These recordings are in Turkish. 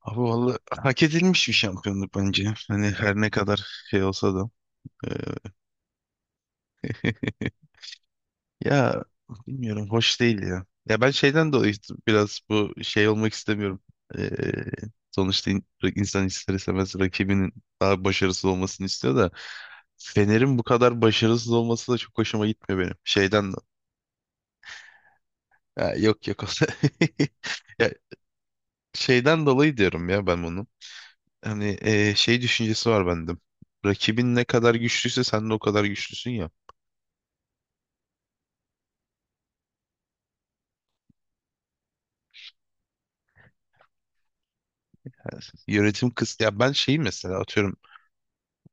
Abi vallahi hak edilmiş bir şampiyonluk bence. Hani her ne kadar şey olsa da. Ee, ya bilmiyorum hoş değil ya. Ya ben şeyden dolayı işte biraz bu şey olmak istemiyorum. Ee, sonuçta insan ister istemez rakibinin daha başarısız olmasını istiyor da Fener'in bu kadar başarısız olması da çok hoşuma gitmiyor benim. Ya yok yok. Ya şeyden dolayı diyorum ya ben bunu. Hani şey düşüncesi var bende. Rakibin ne kadar güçlüyse sen de o kadar güçlüsün ya. Yönetim kıs ya ben şeyi mesela atıyorum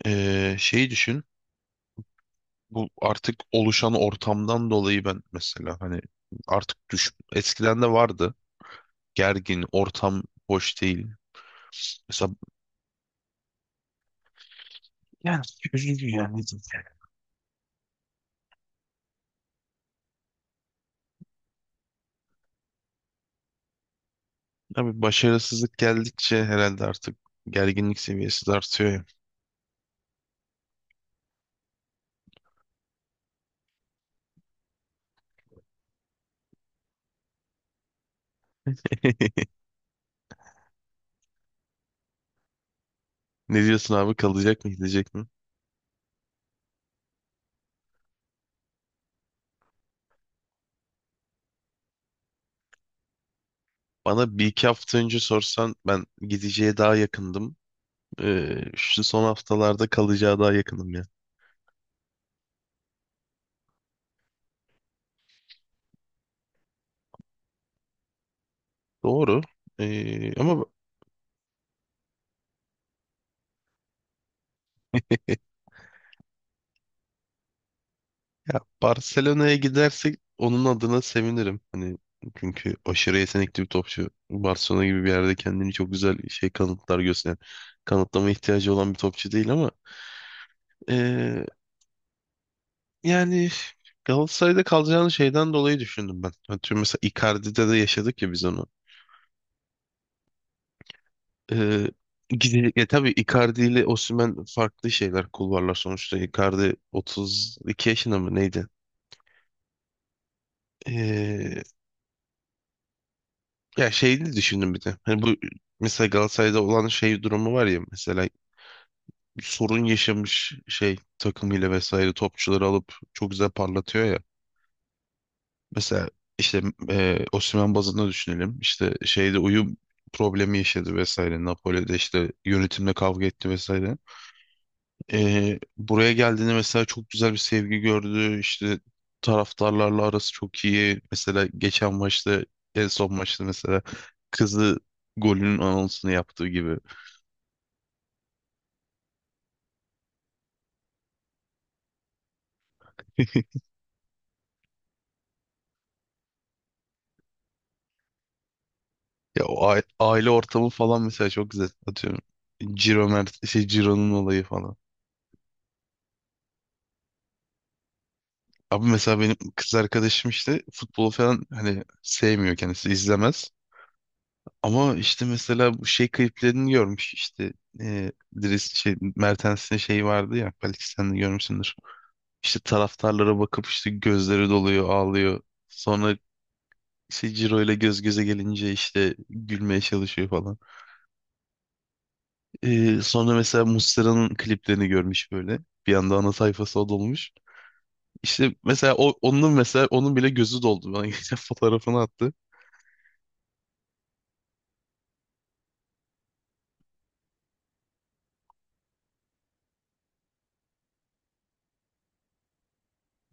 şeyi düşün. Bu artık oluşan ortamdan dolayı ben mesela hani artık düş eskiden de vardı. Gergin, ortam hoş değil. Mesela yani üzücü yani. Tabii başarısızlık geldikçe herhalde artık gerginlik seviyesi de artıyor ya. Ne diyorsun abi kalacak mı gidecek mi? Bana bir iki hafta önce sorsan ben gideceğe daha yakındım. Şu son haftalarda kalacağı daha yakınım ya. Doğru. Ama ya Barcelona'ya gidersek onun adına sevinirim. Hani çünkü aşırı yetenekli bir topçu. Barcelona gibi bir yerde kendini çok güzel şey kanıtlar gösteren. Kanıtlama ihtiyacı olan bir topçu değil ama ee, yani Galatasaray'da kalacağını şeyden dolayı düşündüm ben. Hani tüm mesela Icardi'de de yaşadık ya biz onu. Ee, ya tabii Icardi ile Osimhen farklı şeyler kulvarlar sonuçta. Icardi 32 yaşında mı neydi? Ee, ya şeyini düşündüm bir de. Hani bu mesela Galatasaray'da olan şey durumu var ya mesela bir sorun yaşamış şey takımıyla vesaire topçuları alıp çok güzel parlatıyor ya. Mesela işte Osimhen bazında düşünelim. İşte şeyde uyum problemi yaşadı vesaire. Napoli'de işte yönetimle kavga etti vesaire. Buraya geldiğinde mesela çok güzel bir sevgi gördü. İşte taraftarlarla arası çok iyi. Mesela geçen maçta en son maçta mesela kızı golünün anonsunu yaptığı gibi. Ya o aile ortamı falan mesela çok güzel. Atıyorum Ciro Mert şey Ciro'nun olayı falan. Abi mesela benim kız arkadaşım işte futbolu falan hani sevmiyor kendisi izlemez. Ama işte mesela bu şey kliplerini görmüş işte e, Dries şey Mertens'in şeyi vardı ya belki sen de görmüşsündür. İşte taraftarlara bakıp işte gözleri doluyor ağlıyor. Sonra işte Ciro ile göz göze gelince işte gülmeye çalışıyor falan. Sonra mesela Muslera'nın kliplerini görmüş böyle. Bir anda ana sayfası o dolmuş. İşte mesela o, onun mesela onun bile gözü doldu. Bana geçen fotoğrafını attı.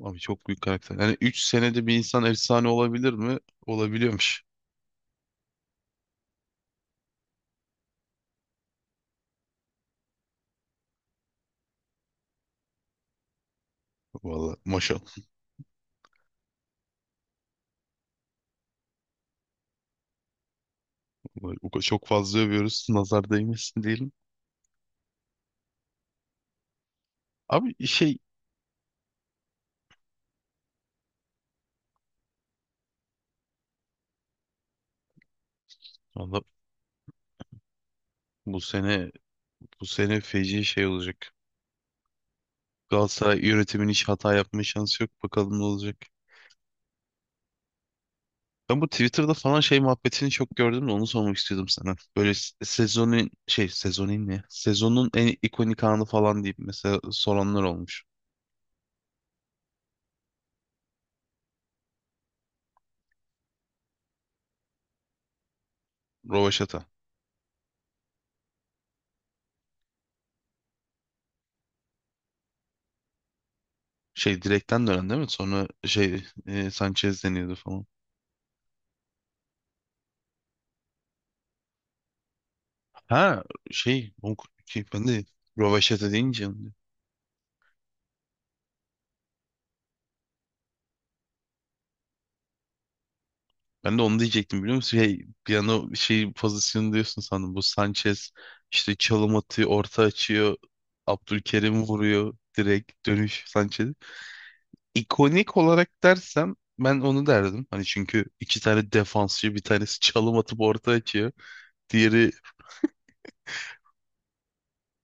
Abi çok büyük karakter. Yani 3 senede bir insan efsane olabilir mi? Olabiliyormuş. Valla maşallah. Vallahi o kadar çok fazla övüyoruz. Nazar değmesin diyelim. Abi şey valla bu sene bu sene feci şey olacak. Galatasaray yönetimin hiç hata yapma şansı yok. Bakalım ne olacak. Ben bu Twitter'da falan şey muhabbetini çok gördüm de onu sormak istiyordum sana. Böyle sezonun şey sezonun ne? Sezonun en ikonik anı falan deyip mesela soranlar olmuş. Rovaşata. Şey direkten dönen değil mi? Sonra şey Sanchez deniyordu falan. Ha şey on- ki ben de Rovaşata deyince ben de onu diyecektim biliyor musun? Şey, bir an o şey pozisyonu diyorsun sandım. Bu Sanchez işte çalım atıyor, orta açıyor. Abdülkerim vuruyor direkt dönüş Sanchez. İkonik olarak dersem ben onu derdim. Hani çünkü iki tane defansçı bir tanesi çalım atıp orta açıyor. Diğeri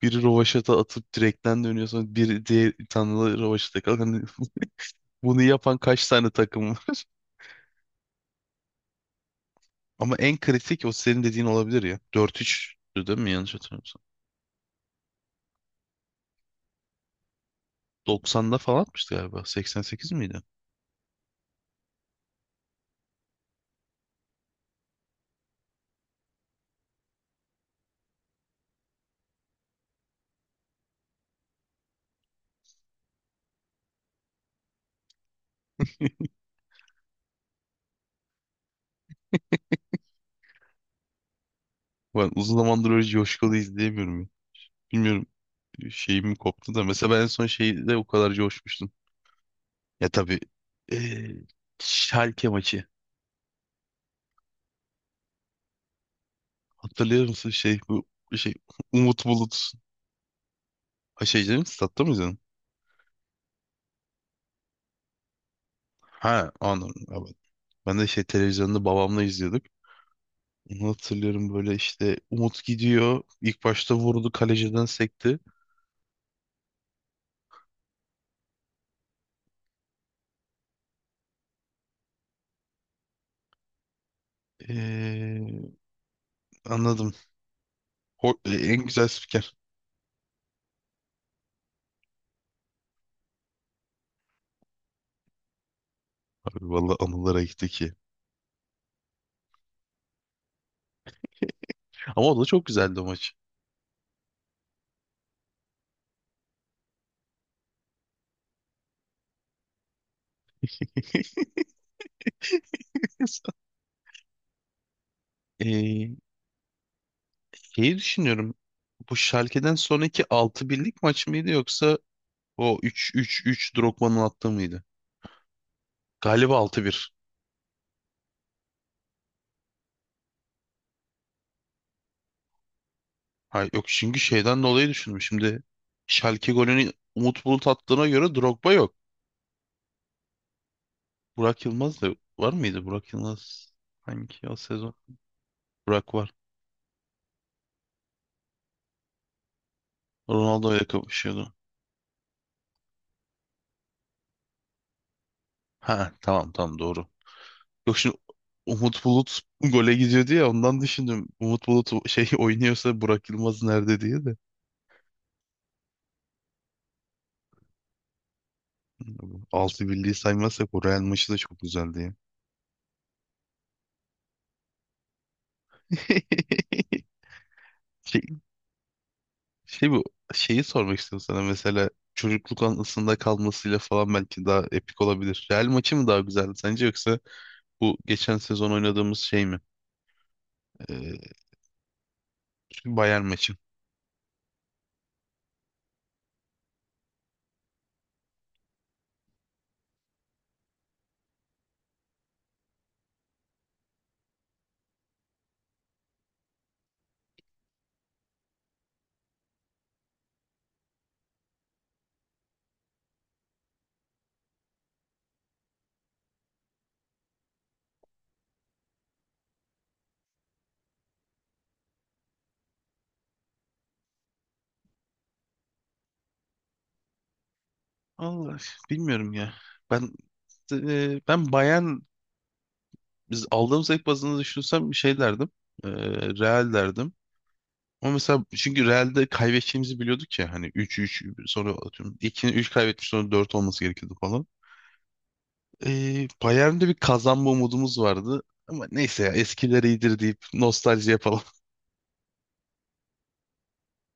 biri rovaşata atıp direkten dönüyor sonra biri diğer tanrılı rovaşata kalıyor. Bunu yapan kaç tane takım var? Ama en kritik o senin dediğin olabilir ya. Dört 3tü değil mi? Yanlış hatırlamıyorsam. 90'da falan atmıştı galiba. 88 miydi? Ben uzun zamandır öyle coşkulu izleyemiyorum ya. Bilmiyorum şeyim koptu da. Mesela ben en son şeyde o kadar coşmuştum. Ya tabii eee Schalke maçı. Hatırlıyor musun şey bu şey Umut Bulut. Ha şey değil mi? Statta mı izledin? Ha anladım. Evet. Ben de şey televizyonda babamla izliyorduk. Onu hatırlıyorum böyle işte Umut gidiyor. İlk başta vurdu kaleciden sekti. Ee, anladım. En güzel spiker. Abi valla anılara gitti ki. Ama o da çok güzeldi o maç. Ee, şeyi düşünüyorum. Bu Schalke'den sonraki altı birlik maç mıydı yoksa o üç üç üç Drogba'nın attığı mıydı? Galiba altı bir. Hayır, yok çünkü şeyden dolayı düşündüm. Şimdi Schalke golünü Umut Bulut attığına göre Drogba yok. Burak Yılmaz da var mıydı? Burak Yılmaz hangi o sezon? Burak var. Ronaldo ile kapışıyordu. Ha tamam tamam doğru. Yok şimdi Umut Bulut gole gidiyordu ya ondan düşündüm. Umut Bulut şey oynuyorsa Burak Yılmaz nerede diye de. Altı birliği saymazsak o Real maçı da çok güzeldi ya. Şey, şey bu şeyi sormak istiyorum sana mesela çocukluk anısında kalmasıyla falan belki daha epik olabilir. Real maçı mı daha güzeldi sence yoksa bu geçen sezon oynadığımız şey mi? Ee, Bayern maçı. Allah bilmiyorum ya. Ben ben biz aldığım zevk bazında düşünsem bir şey derdim. E, Real derdim. Ama mesela çünkü Real'de kaybedeceğimizi biliyorduk ya hani üç üç sonra atıyorum 2 3 kaybetmiş sonra 4 olması gerekiyordu falan. Bayern'de bir kazanma umudumuz vardı. Ama neyse ya eskiler iyidir deyip nostalji yapalım.